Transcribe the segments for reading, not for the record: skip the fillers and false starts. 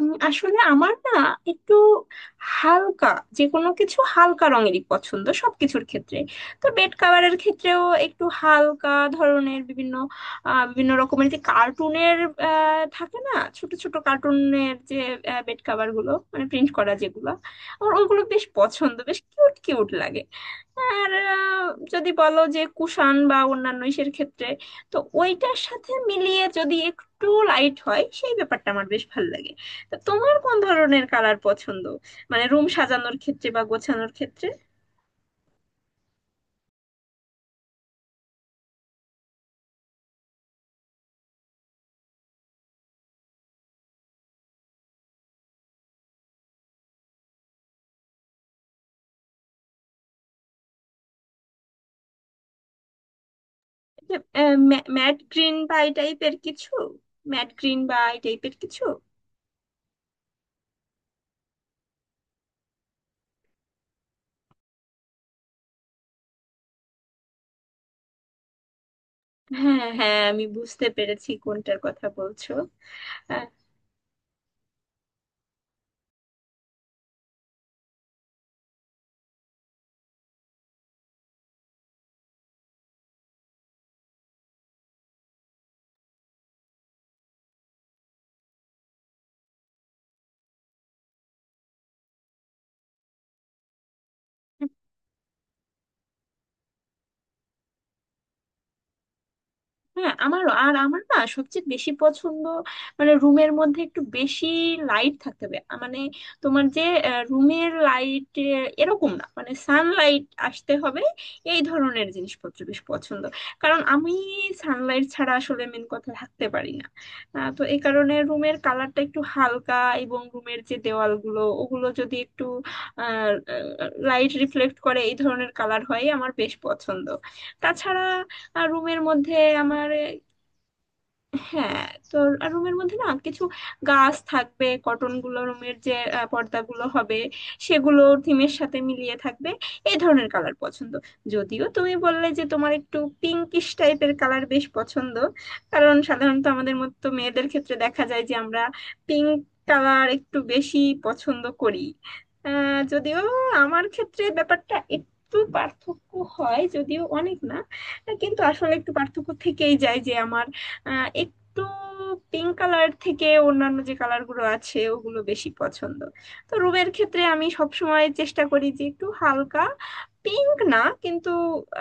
আসলে আমার না একটু হালকা, যে কোনো কিছু হালকা রঙেরই পছন্দ সবকিছুর ক্ষেত্রে। তো বেড কাভারের ক্ষেত্রেও একটু হালকা ধরনের বিভিন্ন রকমের, যে কার্টুনের থাকে না ছোট ছোট কার্টুনের, যে বেড কাভার গুলো মানে প্রিন্ট করা যেগুলো, আমার ওইগুলো বেশ পছন্দ, বেশ কিউট কিউট লাগে। আর যদি বলো যে কুষাণ বা অন্যান্য ইসের ক্ষেত্রে, তো ওইটার সাথে মিলিয়ে যদি একটু লাইট হয় সেই ব্যাপারটা আমার বেশ ভালো লাগে। তা তোমার কোন ধরনের কালার পছন্দ, মানে রুম সাজানোর ক্ষেত্রে বা গোছানোর ক্ষেত্রে? ম্যাট গ্রিন বা এই টাইপের কিছু ম্যাট গ্রিন বা এই টাইপের কিছু? হ্যাঁ, হ্যাঁ, আমি বুঝতে পেরেছি কোনটার কথা বলছো। হ্যাঁ, আমারও। আর আমার না সবচেয়ে বেশি পছন্দ, মানে রুমের মধ্যে একটু বেশি লাইট থাকতে হবে, মানে তোমার যে রুমের লাইট এরকম না, মানে সানলাইট আসতে হবে, এই ধরনের জিনিসপত্র বেশ পছন্দ। কারণ আমি সানলাইট ছাড়া আসলে মেন কথা থাকতে পারি না। তো এই কারণে রুমের কালারটা একটু হালকা, এবং রুমের যে দেওয়ালগুলো ওগুলো যদি একটু লাইট রিফ্লেক্ট করে এই ধরনের কালার হয় আমার বেশ পছন্দ। তাছাড়া আর রুমের মধ্যে আমার, হ্যাঁ, তো আর রুমের মধ্যে না কিছু গাছ থাকবে, কটন গুলো রুমের যে পর্দাগুলো হবে সেগুলো থিমের সাথে মিলিয়ে থাকবে, এই ধরনের কালার পছন্দ। যদিও তুমি বললে যে তোমার একটু পিঙ্কিশ টাইপের কালার বেশ পছন্দ, কারণ সাধারণত আমাদের মতো মেয়েদের ক্ষেত্রে দেখা যায় যে আমরা পিঙ্ক কালার একটু বেশি পছন্দ করি। যদিও আমার ক্ষেত্রে ব্যাপারটা একটু পার্থক্য হয়, যদিও অনেক না, কিন্তু আসলে একটু পার্থক্য থেকেই যায় যে আমার একটু পিঙ্ক কালার থেকে অন্যান্য যে কালার গুলো আছে ওগুলো বেশি পছন্দ। তো রুমের ক্ষেত্রে আমি সবসময় চেষ্টা করি যে একটু হালকা, পিঙ্ক না কিন্তু,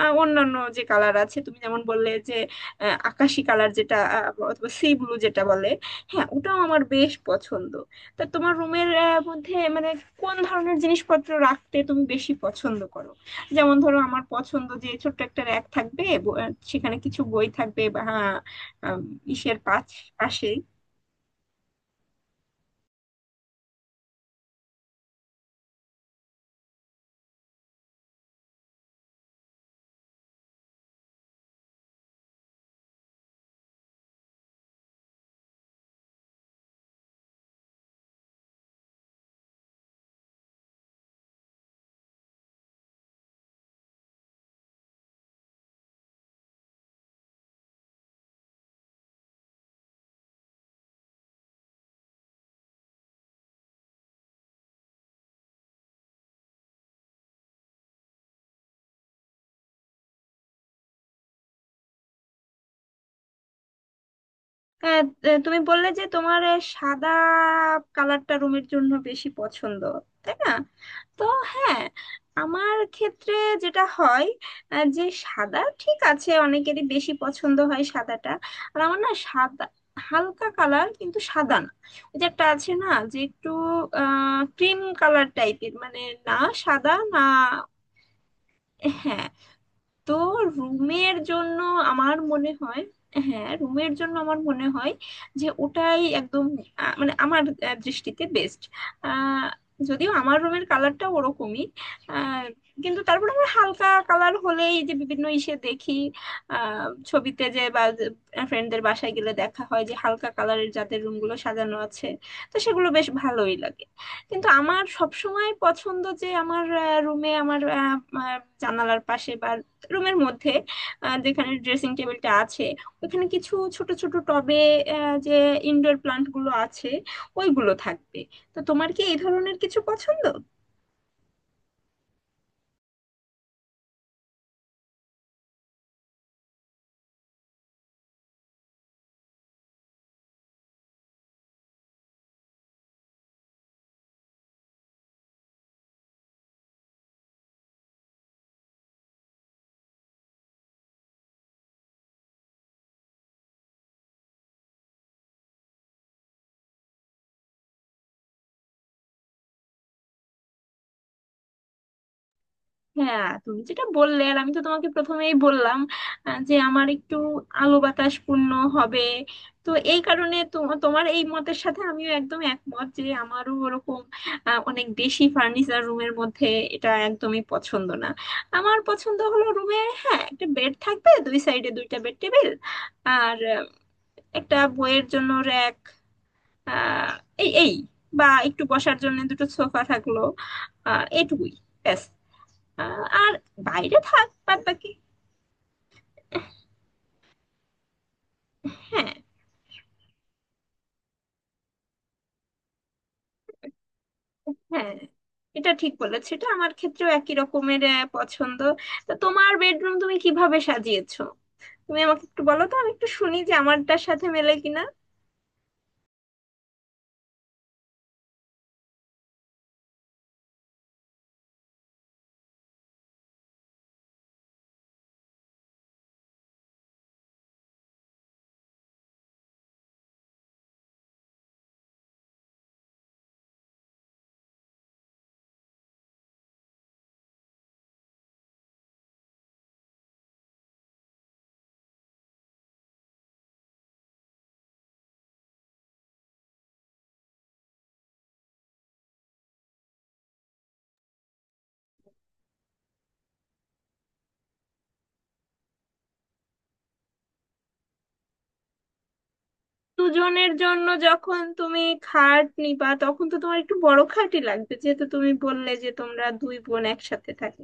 অন্যান্য যে কালার আছে তুমি যেমন বললে যে আকাশি কালার যেটা, অথবা সি ব্লু যেটা বলে, হ্যাঁ ওটাও আমার বেশ পছন্দ। তা তোমার রুমের মধ্যে মানে কোন ধরনের জিনিসপত্র রাখতে তুমি বেশি পছন্দ করো? যেমন ধরো আমার পছন্দ যে ছোট্ট একটা র্যাক থাকবে, সেখানে কিছু বই থাকবে বা হ্যাঁ, আম, ইসের পাশেই। হ্যাঁ, তুমি বললে যে তোমার সাদা কালারটা রুমের জন্য বেশি পছন্দ, তাই না? তো হ্যাঁ, আমার ক্ষেত্রে যেটা হয়, যে সাদা ঠিক আছে, অনেকেরই বেশি পছন্দ হয় সাদাটা। আর আমার না সাদা, হালকা কালার কিন্তু সাদা না, ওই যে একটা আছে না যে একটু ক্রিম কালার টাইপের, মানে না সাদা না। হ্যাঁ, তো রুমের জন্য আমার মনে হয়, হ্যাঁ রুমের জন্য আমার মনে হয় যে ওটাই একদম মানে আমার দৃষ্টিতে বেস্ট। যদিও আমার রুমের কালারটা ওরকমই, আহ, কিন্তু তারপর আমার হালকা কালার হলেই যে বিভিন্ন ইসে দেখি, আহ, ছবিতে যে বা ফ্রেন্ডদের বাসায় গেলে দেখা হয় যে হালকা কালারের যাদের রুমগুলো সাজানো আছে, তো সেগুলো বেশ ভালোই লাগে। কিন্তু আমার সবসময় পছন্দ যে আমার রুমে আমার আহ, আহ, জানালার পাশে বা রুমের মধ্যে যেখানে ড্রেসিং টেবিলটা আছে ওখানে কিছু ছোট ছোট টবে, যে ইনডোর প্লান্ট গুলো আছে ওইগুলো থাকবে। তো তোমার কি এই ধরনের কিছু পছন্দ? হ্যাঁ তুমি যেটা বললে, আর আমি তো তোমাকে প্রথমেই বললাম, যে আমার একটু আলো বাতাস পূর্ণ হবে, তো এই কারণে তোমার এই মতের সাথে আমিও একদম একমত যে আমারও ওরকম অনেক বেশি ফার্নিচার রুমের মধ্যে এটা একদমই পছন্দ না। আমার পছন্দ হলো রুমে হ্যাঁ একটা বেড থাকবে, দুই সাইডে দুইটা বেড টেবিল, আর একটা বইয়ের জন্য র্যাক এই এই বা একটু বসার জন্য দুটো সোফা থাকলো, এটুকুই, ব্যাস, আর বাইরে থাক বাদ বাকি। হ্যাঁ, হ্যাঁ এটা ঠিক বলেছে, এটা আমার ক্ষেত্রেও একই রকমের পছন্দ। তো তোমার বেডরুম তুমি কিভাবে সাজিয়েছো? তুমি আমাকে একটু বলো তো, আমি একটু শুনি যে আমারটার সাথে মেলে কিনা। দুজনের জন্য যখন তুমি খাট নিবা তখন তো তোমার একটু বড় খাটই লাগবে, যেহেতু তুমি বললে যে তোমরা দুই বোন একসাথে থাকো।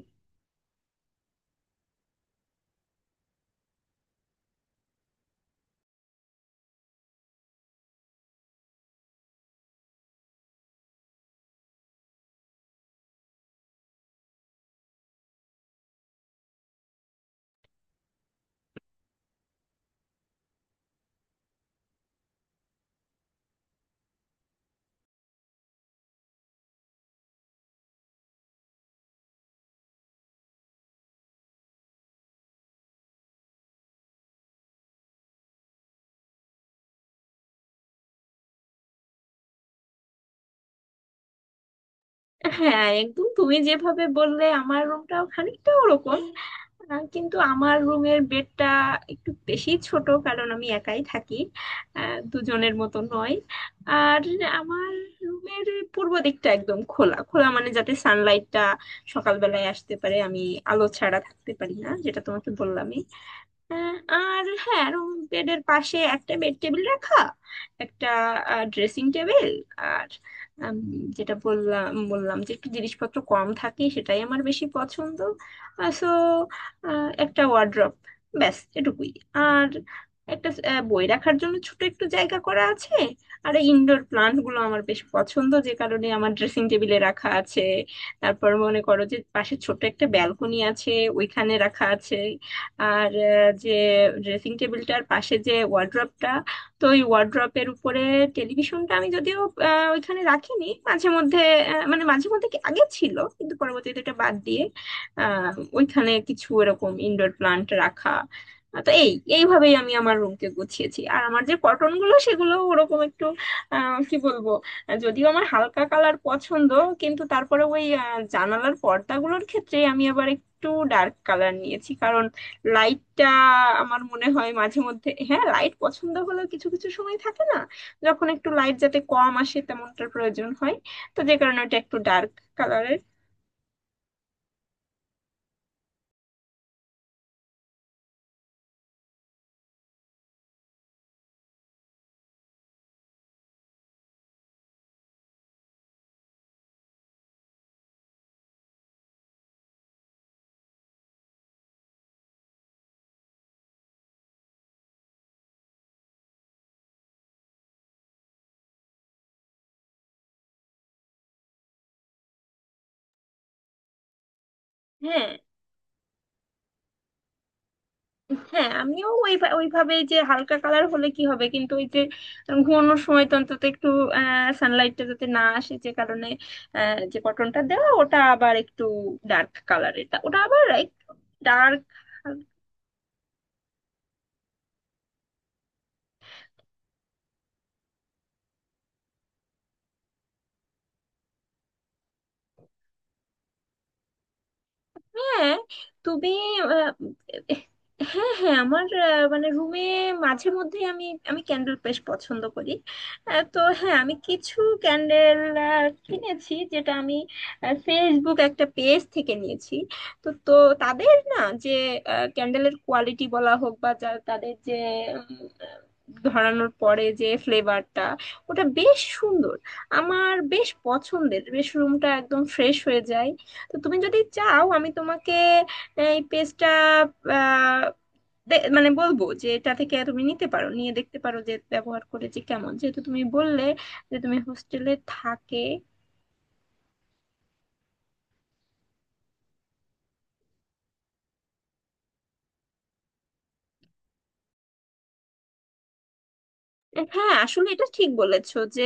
হ্যাঁ একদম, তুমি যেভাবে বললে আমার রুমটাও খানিকটা ওরকম। কিন্তু আমার রুমের বেডটা একটু বেশি ছোট, কারণ আমি একাই থাকি, দুজনের মতো নয়। আর আমার রুমের পূর্ব দিকটা একদম খোলা খোলা, মানে যাতে সানলাইটটা সকালবেলায় আসতে পারে, আমি আলো ছাড়া থাকতে পারি না যেটা তোমাকে বললামই। আর হ্যাঁ, রুম বেডের পাশে একটা বেড টেবিল রাখা, একটা ড্রেসিং টেবিল, আর উম, যেটা বললাম বললাম যে একটু জিনিসপত্র কম থাকে সেটাই আমার বেশি পছন্দ। সো একটা ওয়ার্ড্রপ, ব্যাস এটুকুই। আর একটা বই রাখার জন্য ছোট একটু জায়গা করা আছে। আর ইনডোর প্লান্ট গুলো আমার বেশ পছন্দ, যে কারণে আমার ড্রেসিং টেবিলে রাখা আছে। তারপর মনে করো যে পাশে ছোট একটা ব্যালকনি আছে, ওইখানে রাখা আছে। আর যে ড্রেসিং টেবিলটার পাশে যে ওয়ার্ড্রপটা, তো ওই ওয়ার্ড্রপের উপরে টেলিভিশনটা আমি যদিও ওইখানে রাখিনি, মাঝে মধ্যে মানে মাঝে মধ্যে কি আগে ছিল কিন্তু পরবর্তীতে এটা বাদ দিয়ে আহ ওইখানে কিছু এরকম ইনডোর প্লান্ট রাখা। তো এই এইভাবেই আমি আমার রুমকে গুছিয়েছি। আর আমার যে কটন গুলো সেগুলো ওরকম একটু কি বলবো, যদিও আমার হালকা কালার পছন্দ, কিন্তু তারপরে ওই জানালার পর্দাগুলোর ক্ষেত্রে আমি আবার একটু ডার্ক কালার নিয়েছি, কারণ লাইটটা আমার মনে হয় মাঝে মধ্যে, হ্যাঁ লাইট পছন্দ হলেও কিছু কিছু সময় থাকে না যখন একটু লাইট যাতে কম আসে তেমনটার প্রয়োজন হয়, তো যে কারণে ওটা একটু ডার্ক কালারের। হ্যাঁ, হ্যাঁ আমিও ওই ওইভাবে, যে হালকা কালার হলে কি হবে কিন্তু ওই যে ঘুমানোর সময় তো অন্তত একটু সানলাইটটা যাতে না আসে, যে কারণে যে কটনটা দেওয়া ওটা আবার একটু ডার্ক কালারের, ওটা আবার একটু ডার্ক। হ্যাঁ, তুমি আহ, হ্যাঁ, হ্যাঁ আমার মানে রুমে মাঝে মধ্যে আমি আমি ক্যান্ডেল বেশ পছন্দ করি। তো হ্যাঁ, আমি কিছু ক্যান্ডেল কিনেছি, যেটা আমি ফেসবুক একটা পেজ থেকে নিয়েছি। তো তো তাদের না যে ক্যান্ডেলের কোয়ালিটি বলা হোক বা যা, তাদের যে উম, ধরানোর পরে যে ফ্লেভারটা ওটা বেশ সুন্দর, আমার বেশ পছন্দের, বেশ রুমটা একদম ফ্রেশ হয়ে যায়। তো তুমি যদি চাও আমি তোমাকে এই পেজটা, মানে বলবো যে এটা থেকে তুমি নিতে পারো, নিয়ে দেখতে পারো যে ব্যবহার করে যে কেমন, যেহেতু তুমি বললে যে তুমি হোস্টেলে থাকে। হ্যাঁ আসলে এটা ঠিক বলেছো যে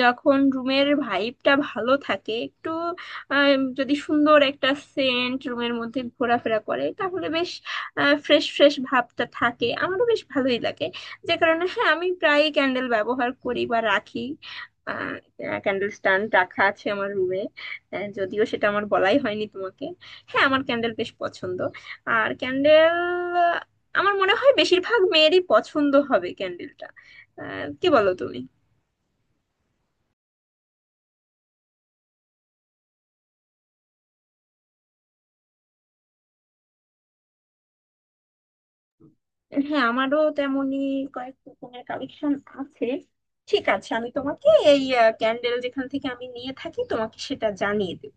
যখন রুমের ভাইবটা ভালো থাকে একটু, যদি সুন্দর একটা সেন্ট রুমের মধ্যে ঘোরাফেরা করে তাহলে বেশ ফ্রেশ ফ্রেশ ভাবটা থাকে, আমারও বেশ ভালোই লাগে। যে কারণে হ্যাঁ আমি প্রায়ই ক্যান্ডেল ব্যবহার করি বা রাখি, ক্যান্ডেল স্ট্যান্ড রাখা আছে আমার রুমে, যদিও সেটা আমার বলাই হয়নি তোমাকে। হ্যাঁ আমার ক্যান্ডেল বেশ পছন্দ, আর ক্যান্ডেল আমার মনে হয় বেশিরভাগ মেয়েরই পছন্দ হবে ক্যান্ডেলটা, কি বলো তুমি? হ্যাঁ আমারও তেমনই, কয়েক রকমের কালেকশন আছে। ঠিক আছে, আমি তোমাকে এই ক্যান্ডেল যেখান থেকে আমি নিয়ে থাকি তোমাকে সেটা জানিয়ে দেব।